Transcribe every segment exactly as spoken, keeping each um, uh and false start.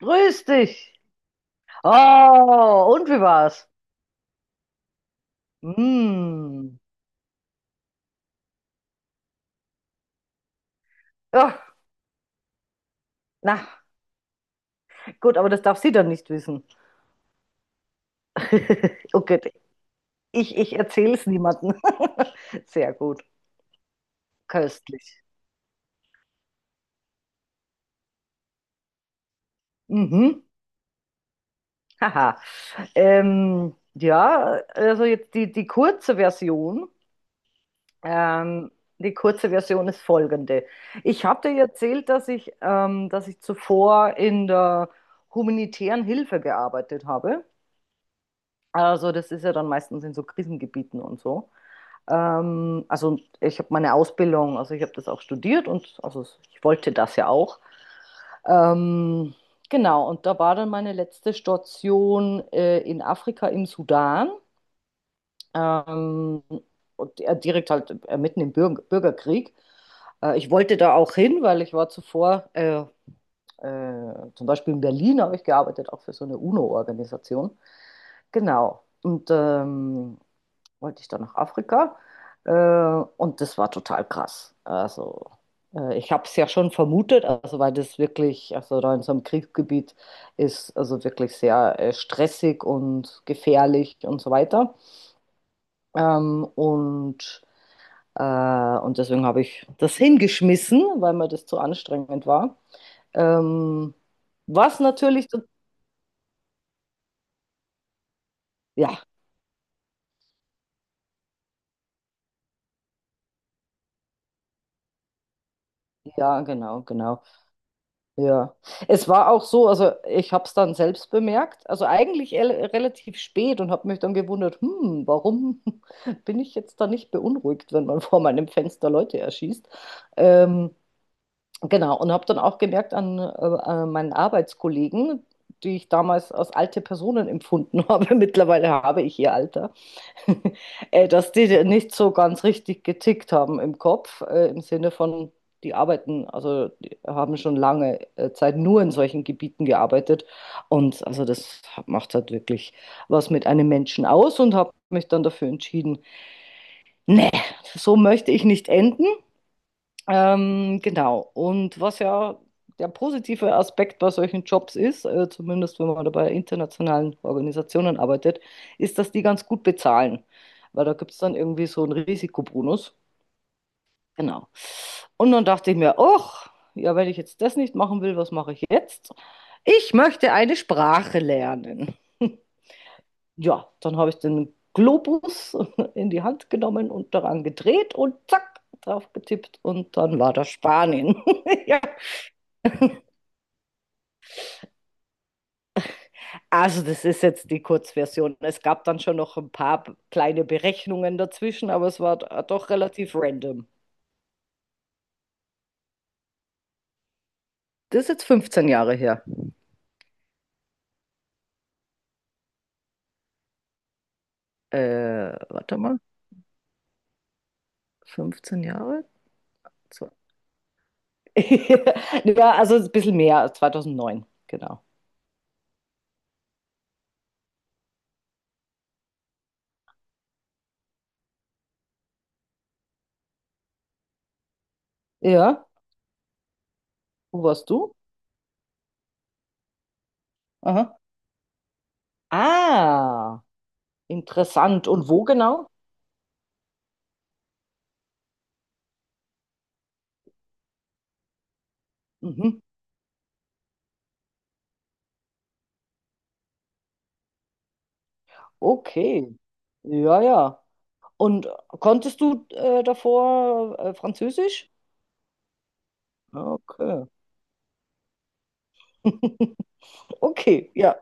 Grüß dich. Oh, und wie war's? Hm. Ja, na, gut, aber das darf sie dann nicht wissen. Okay, ich, ich erzähle es niemandem. Sehr gut, köstlich. Mhm. Haha. Ähm, ja, also jetzt die, die kurze Version. Ähm, die kurze Version ist folgende. Ich habe dir erzählt, dass ich, ähm, dass ich zuvor in der humanitären Hilfe gearbeitet habe. Also das ist ja dann meistens in so Krisengebieten und so. Ähm, also ich habe meine Ausbildung, also ich habe das auch studiert und also ich wollte das ja auch. Ähm, genau, und da war dann meine letzte Station äh, in Afrika im Sudan. Ähm, und äh, direkt halt äh, mitten im Bürg Bürgerkrieg. Äh, ich wollte da auch hin, weil ich war zuvor, äh, äh, zum Beispiel in Berlin habe ich gearbeitet, auch für so eine U N O-Organisation. Genau. Und ähm, wollte ich dann nach Afrika. Äh, und das war total krass. Also, äh, ich habe es ja schon vermutet, also weil das wirklich, also da in so einem Kriegsgebiet ist, also wirklich sehr äh, stressig und gefährlich und so weiter. Ähm, und, äh, und deswegen habe ich das hingeschmissen, weil mir das zu anstrengend war. Ähm, was natürlich, to- ja, ja, genau, genau. Ja, es war auch so, also ich habe es dann selbst bemerkt, also eigentlich el- relativ spät und habe mich dann gewundert, hm, warum bin ich jetzt da nicht beunruhigt, wenn man vor meinem Fenster Leute erschießt? Ähm, genau, und habe dann auch gemerkt an, äh, an meinen Arbeitskollegen, die ich damals als alte Personen empfunden habe, mittlerweile habe ich ihr Alter. Äh, dass die nicht so ganz richtig getickt haben im Kopf, äh, im Sinne von, die arbeiten, also die haben schon lange äh, Zeit nur in solchen Gebieten gearbeitet. Und also das macht halt wirklich was mit einem Menschen aus und habe mich dann dafür entschieden, nee, so möchte ich nicht enden. Ähm, genau. Und was ja der positive Aspekt bei solchen Jobs ist, äh, zumindest wenn man da bei internationalen Organisationen arbeitet, ist, dass die ganz gut bezahlen. Weil da gibt es dann irgendwie so einen Risikobonus. Genau. Und dann dachte ich mir, ach, ja, wenn ich jetzt das nicht machen will, was mache ich jetzt? Ich möchte eine Sprache lernen. Ja, dann habe ich den Globus in die Hand genommen und daran gedreht und zack, drauf getippt und dann war das Spanien. Ja, also das ist jetzt die Kurzversion. Es gab dann schon noch ein paar kleine Berechnungen dazwischen, aber es war doch relativ random. Das ist jetzt fünfzehn Jahre her. Äh, warte mal, fünfzehn Jahre? So. Ja, also ein bisschen mehr, zweitausendneun, genau. Ja, wo warst du? Aha. Ah, interessant. Und wo genau? Mhm. Okay. Ja, ja. Und konntest du äh, davor äh, Französisch? Okay. Okay, ja.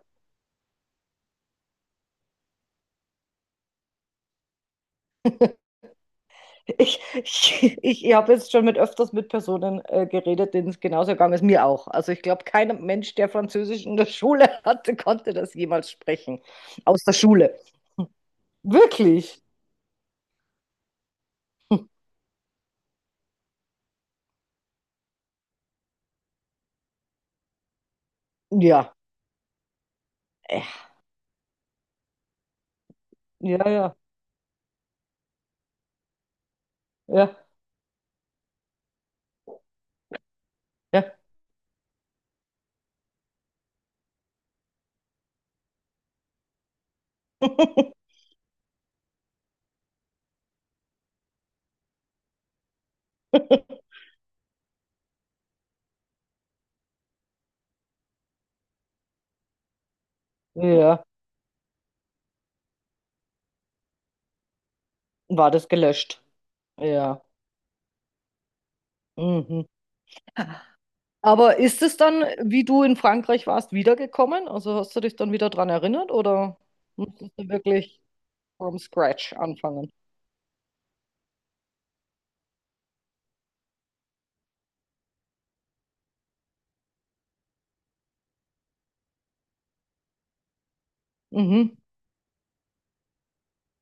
Ich, ich, ich habe jetzt schon mit öfters mit Personen äh, geredet, denen es genauso gegangen ist, mir auch. Also ich glaube, kein Mensch, der Französisch in der Schule hatte, konnte das jemals sprechen. Aus der Schule. Wirklich? Ja. Äh, Ja, ja, ja, ja. Ja. War das gelöscht? Ja. Mhm. Aber ist es dann, wie du in Frankreich warst, wiedergekommen? Also hast du dich dann wieder dran erinnert oder musstest du wirklich from scratch anfangen? Mhm,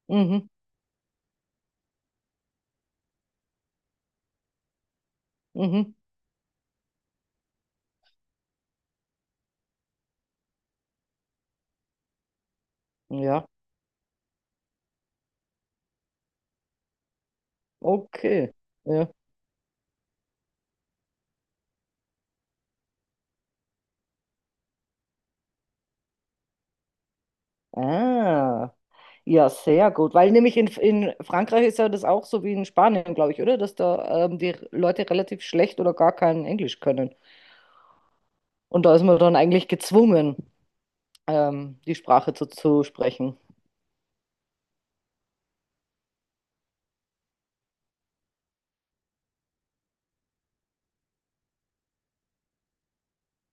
mhm, mhm. Ja, okay. Ja. Ah, ja, sehr gut. Weil nämlich in, in Frankreich ist ja das auch so wie in Spanien, glaube ich, oder? Dass da ähm, die Leute relativ schlecht oder gar kein Englisch können. Und da ist man dann eigentlich gezwungen, ähm, die Sprache zu, zu sprechen.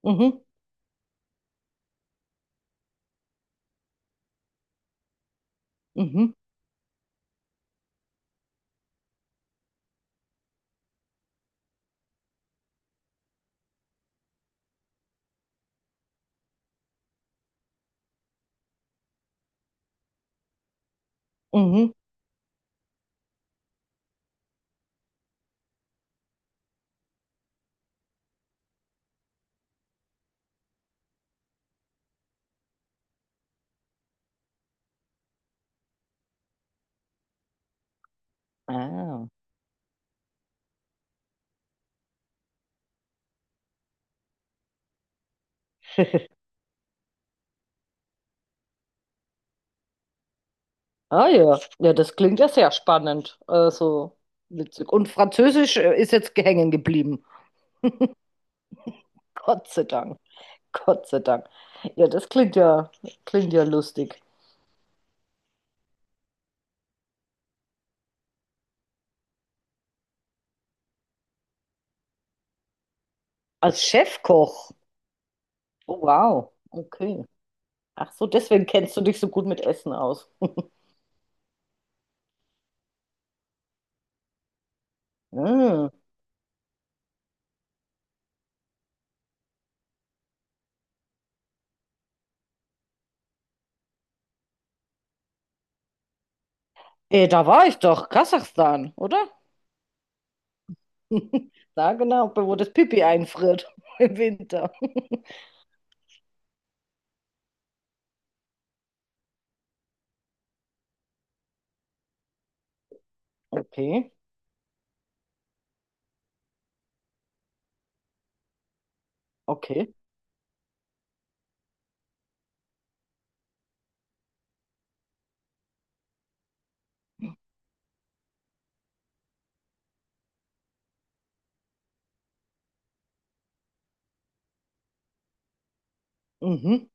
Mhm, mhm, mhm. Ah. Ah ja, ja, das klingt ja sehr spannend. Also witzig. Und Französisch äh, ist jetzt hängen geblieben. Gott sei Dank. Gott sei Dank. Ja, das klingt ja, klingt ja lustig. Als Chefkoch. Oh, wow. Okay. Ach so, deswegen kennst du dich so gut mit Essen aus. Hm. Eh, da war ich doch. Kasachstan, oder? Na genau, wo das Pipi einfriert im Winter. Okay, okay. Mhm.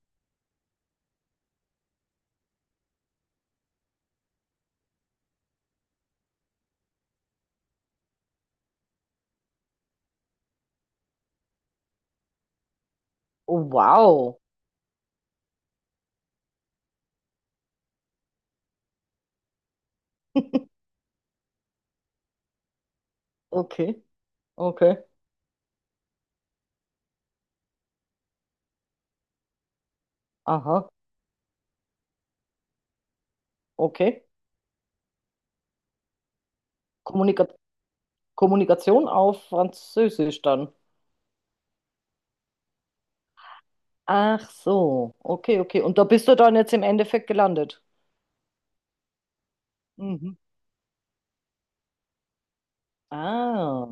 Oh, wow. Okay, okay. Aha, okay. Kommunika Kommunikation auf Französisch dann. Ach so, okay, okay. Und da bist du dann jetzt im Endeffekt gelandet. Mhm. Ah,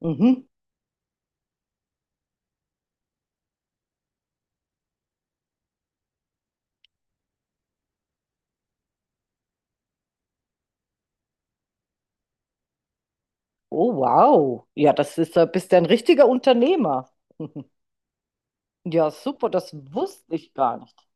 mhm. Oh, wow. Ja, das ist, da bist du ein richtiger Unternehmer. Ja, super, das wusste ich gar nicht.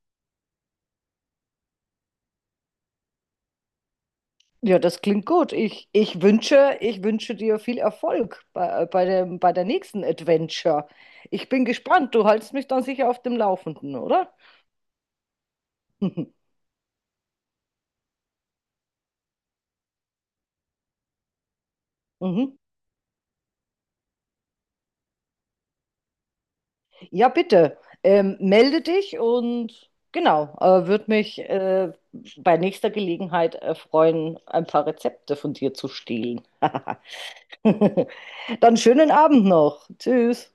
Ja, das klingt gut. Ich, ich wünsche, ich wünsche dir viel Erfolg bei, äh, bei dem, bei der nächsten Adventure. Ich bin gespannt. Du hältst mich dann sicher auf dem Laufenden, oder? Mhm. Ja, bitte. Ähm, melde dich und genau, äh, würde mich äh, bei nächster Gelegenheit äh, freuen, ein paar Rezepte von dir zu stehlen. Dann schönen Abend noch. Tschüss.